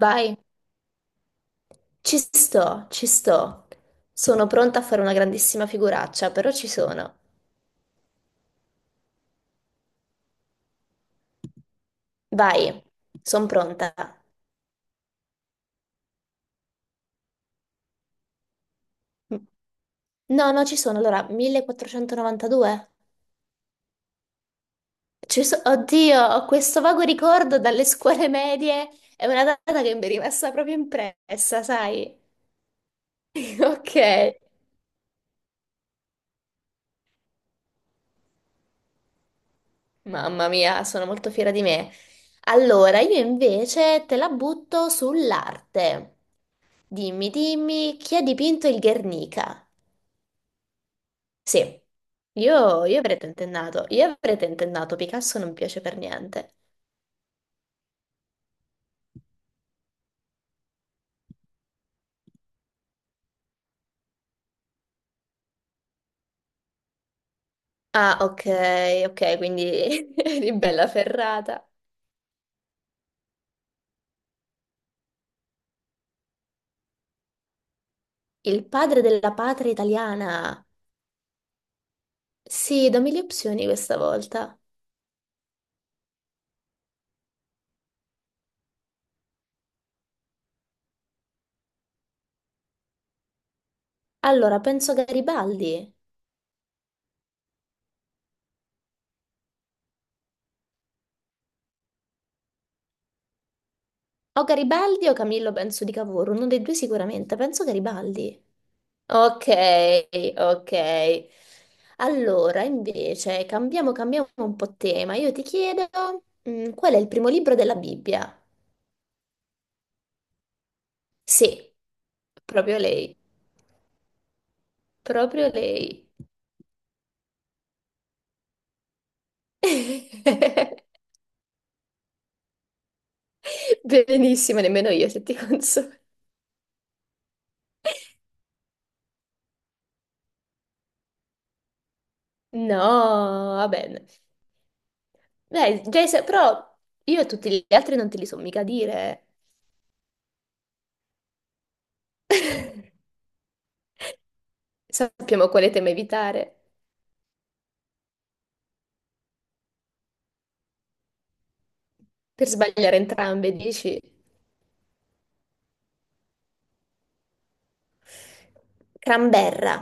Vai, ci sto, ci sto. Sono pronta a fare una grandissima figuraccia, però ci sono. Vai, sono pronta. No, no, ci sono. Allora, 1492? Oddio, ho questo vago ricordo dalle scuole medie. È una data che mi è rimasta proprio impressa, sai? Ok. Mamma mia, sono molto fiera di me. Allora, io invece te la butto sull'arte. Dimmi, dimmi, chi ha dipinto il Guernica? Sì, io avrei tentennato, io avrei tentennato, Picasso non piace per niente. Ah, ok, ok, quindi eri bella ferrata. Il padre della patria italiana. Sì, dammi le opzioni questa volta. Allora, penso Garibaldi. O Garibaldi o Camillo Benso di Cavour, uno dei due sicuramente, penso Garibaldi. Ok, ok. Allora, invece, cambiamo un po' tema. Io ti chiedo, qual è il primo libro della Bibbia? Sì, proprio lei, proprio lei. Benissimo, nemmeno io se ti consolo. No, va bene. Dai, Jason, però io e tutti gli altri non te li so mica dire. Sappiamo quale tema evitare per sbagliare entrambe, dici? Cramberra.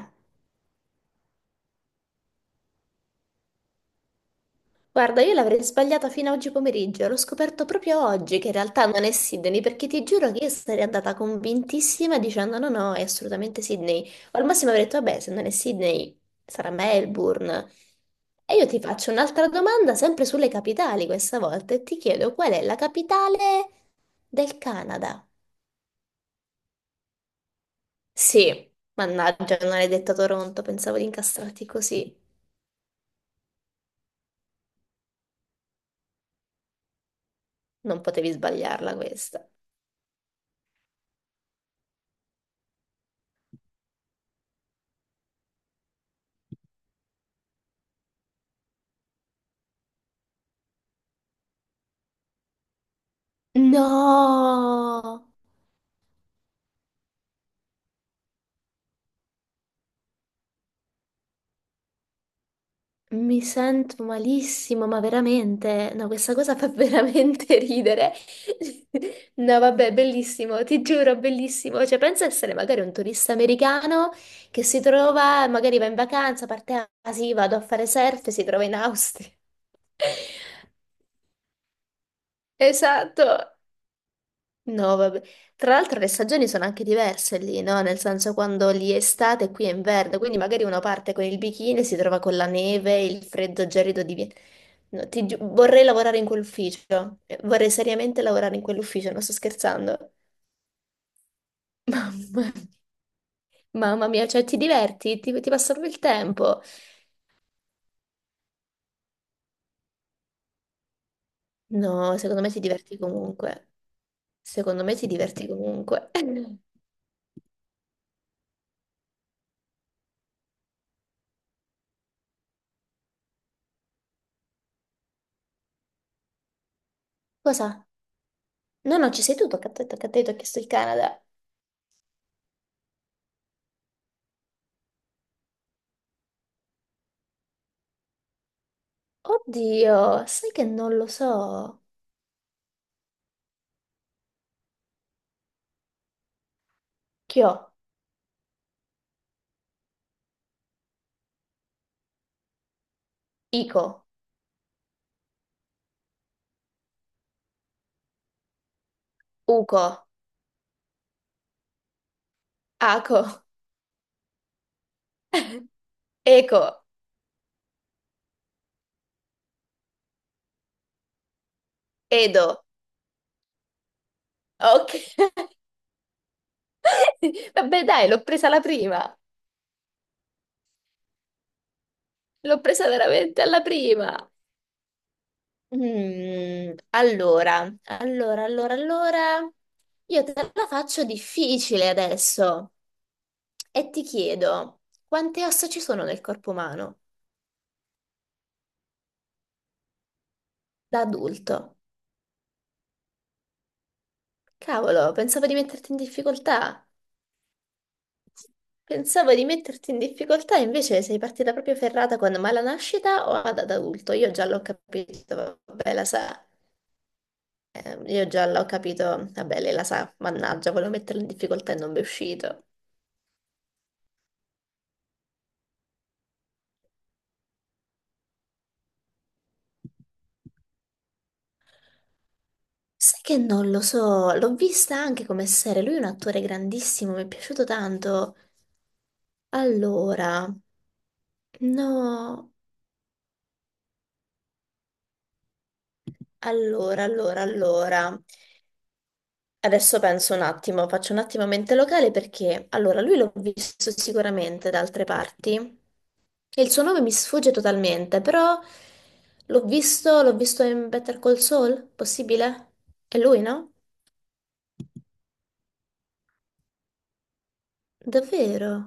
Guarda, io l'avrei sbagliata fino a oggi pomeriggio, l'ho scoperto proprio oggi che in realtà non è Sydney, perché ti giuro che io sarei andata convintissima dicendo no, no, è assolutamente Sydney. O al massimo avrei detto, vabbè, se non è Sydney sarà Melbourne. E io ti faccio un'altra domanda, sempre sulle capitali questa volta, e ti chiedo qual è la capitale del Canada? Sì, mannaggia, non hai detto Toronto, pensavo di incastrarti così. Non potevi sbagliarla questa. No! Mi sento malissimo, ma veramente, no, questa cosa fa veramente ridere. No, vabbè, bellissimo, ti giuro, bellissimo. Cioè, pensa essere magari un turista americano che si trova, magari va in vacanza, parte a, ah, sì, vado a fare surf, e si trova in Austria. Esatto, no, vabbè. Tra l'altro le stagioni sono anche diverse lì, no? Nel senso quando lì è estate e qui è inverno, quindi magari uno parte con il bikini e si trova con la neve, il freddo gelido di... Vienna. No, vorrei lavorare in quell'ufficio, vorrei seriamente lavorare in quell'ufficio, non sto scherzando. Mamma mia, mamma mia, cioè ti diverti, ti passa proprio il tempo. No, secondo me ti diverti comunque. Secondo me ti diverti comunque. Cosa? No, no, ci sei tu, tocca a te, ti ho chiesto il Canada. Oddio, sai che non lo so. Chio, Ico, Uco, Aco, Eco, Edo. Ok, vabbè dai, l'ho presa alla prima. L'ho presa veramente alla prima. Allora, allora, allora, allora. Io te la faccio difficile adesso e ti chiedo, quante ossa ci sono nel corpo umano da adulto? Cavolo, pensavo di metterti in difficoltà. Pensavo di metterti in difficoltà, invece sei partita proprio ferrata quando ma alla nascita o ad adulto? Io già l'ho capito, vabbè, la sa. Io già l'ho capito, vabbè, lei la sa, mannaggia, volevo metterla in difficoltà e non mi è uscito. Sai che non lo so, l'ho vista anche come serie, lui è un attore grandissimo, mi è piaciuto tanto. Allora, no, allora, allora, allora. Adesso penso un attimo, faccio un attimo mente locale perché allora lui l'ho visto sicuramente da altre parti e il suo nome mi sfugge totalmente, però l'ho visto in Better Call Saul, possibile? È lui, no? Davvero?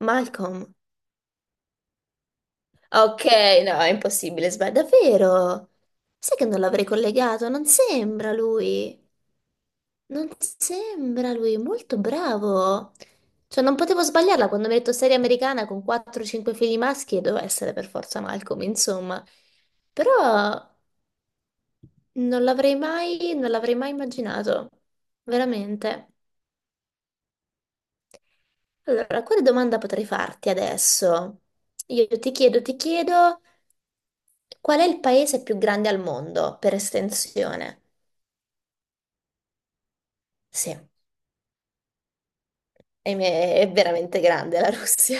Malcolm. Ok, no, è impossibile, sbaglio. Davvero? Sai che non l'avrei collegato? Non sembra lui. Non sembra lui molto bravo. Cioè, non potevo sbagliarla quando mi hai detto serie americana con 4-5 figli maschi e doveva essere per forza Malcolm, insomma. Però non l'avrei mai, non l'avrei mai immaginato. Veramente. Allora, quale domanda potrei farti adesso? Io ti chiedo, qual è il paese più grande al mondo per estensione? Sì, è veramente grande la Russia.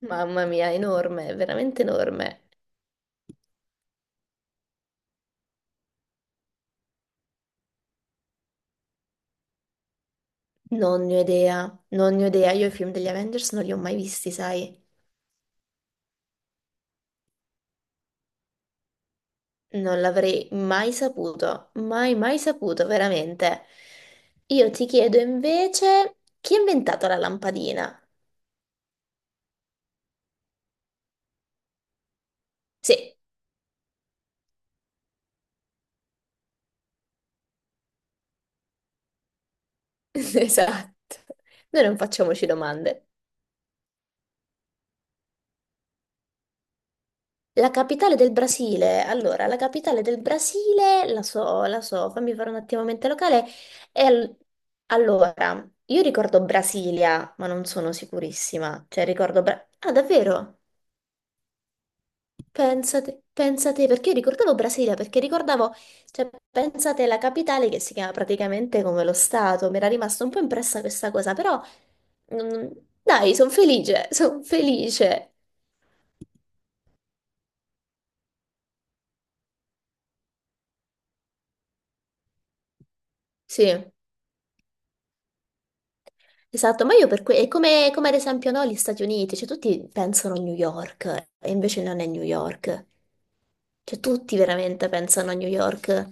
Mamma mia, enorme, veramente enorme. Non ne ho idea, non ne ho idea. Io i film degli Avengers non li ho mai visti, sai? Non l'avrei mai saputo, mai, mai saputo, veramente. Io ti chiedo invece, chi ha inventato la lampadina? Sì, esatto. Noi non facciamoci domande. La capitale del Brasile, allora, la capitale del Brasile, la so, la so, fammi fare un attimo mente locale. È al- allora, io ricordo Brasilia, ma non sono sicurissima. Cioè, ricordo... ah, davvero? Pensate, pensate, perché io ricordavo Brasilia, perché ricordavo, cioè, pensate la capitale che si chiama praticamente come lo Stato, mi era rimasta un po' impressa questa cosa, però mm, dai, sono felice, sono felice. Sì, esatto, ma io per cui, è come, come ad esempio no, gli Stati Uniti, cioè tutti pensano a New York e invece non è New York, cioè tutti veramente pensano a New York.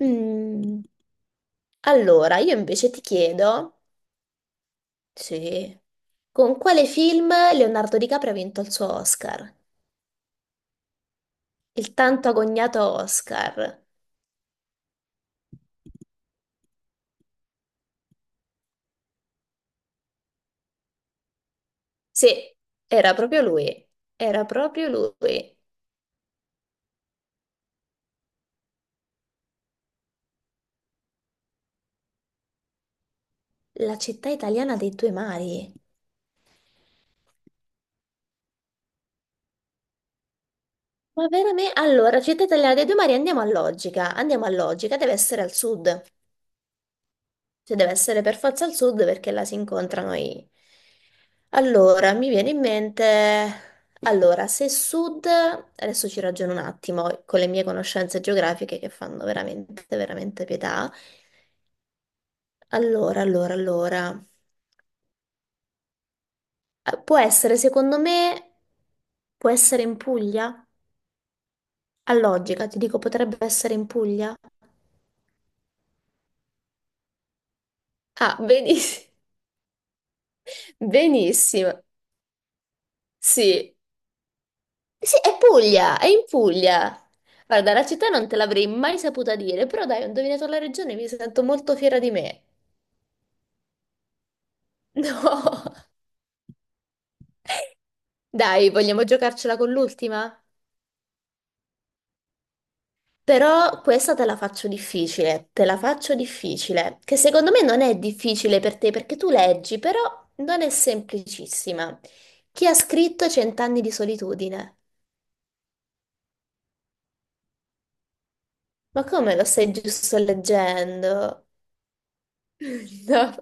Mm, Allora, io invece ti chiedo... Sì. Con quale film Leonardo DiCaprio ha vinto il suo Oscar? Il tanto agognato Oscar. Sì, era proprio lui. Era proprio lui. La città italiana dei due mari. Ma veramente? Allora, città italiana dei due mari, andiamo a logica. Andiamo a logica, deve essere al sud. Cioè, deve essere per forza al sud perché là si incontrano i... Allora, mi viene in mente... Allora, se sud... Adesso ci ragiono un attimo con le mie conoscenze geografiche che fanno veramente, veramente pietà. Allora, allora, allora... può essere, secondo me, può essere in Puglia? A logica, ti dico, potrebbe essere in Puglia? Ah, benissimo. Benissimo. Sì, sì, è Puglia, è in Puglia. Guarda, la città non te l'avrei mai saputa dire, però dai, ho indovinato la regione e mi sento molto fiera di me. No. Dai, vogliamo giocarcela con l'ultima? Però questa te la faccio difficile, te la faccio difficile, che secondo me non è difficile per te perché tu leggi, però non è semplicissima. Chi ha scritto Cent'anni di solitudine? Ma come lo stai giusto leggendo? No.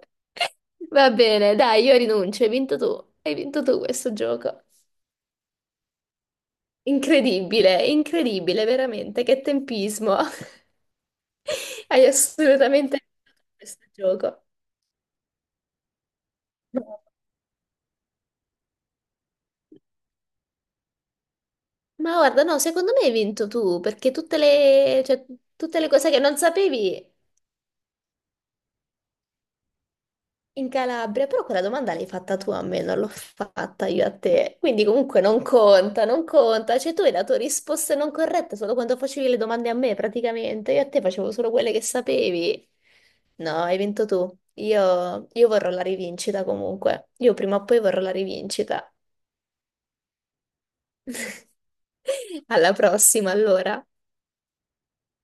Va bene, dai, io rinuncio, hai vinto tu. Hai vinto tu questo gioco. Incredibile, incredibile, veramente, che tempismo. Hai assolutamente vinto tu questo gioco. No. Ma guarda, no, secondo me hai vinto tu, perché tutte le, cioè, tutte le cose che non sapevi. In Calabria, però quella domanda l'hai fatta tu a me, non l'ho fatta io a te. Quindi comunque non conta, non conta. Cioè tu hai dato risposte non corrette solo quando facevi le domande a me praticamente. Io a te facevo solo quelle che sapevi. No, hai vinto tu. Io vorrò la rivincita comunque. Io prima o poi vorrò la rivincita. Alla prossima, allora.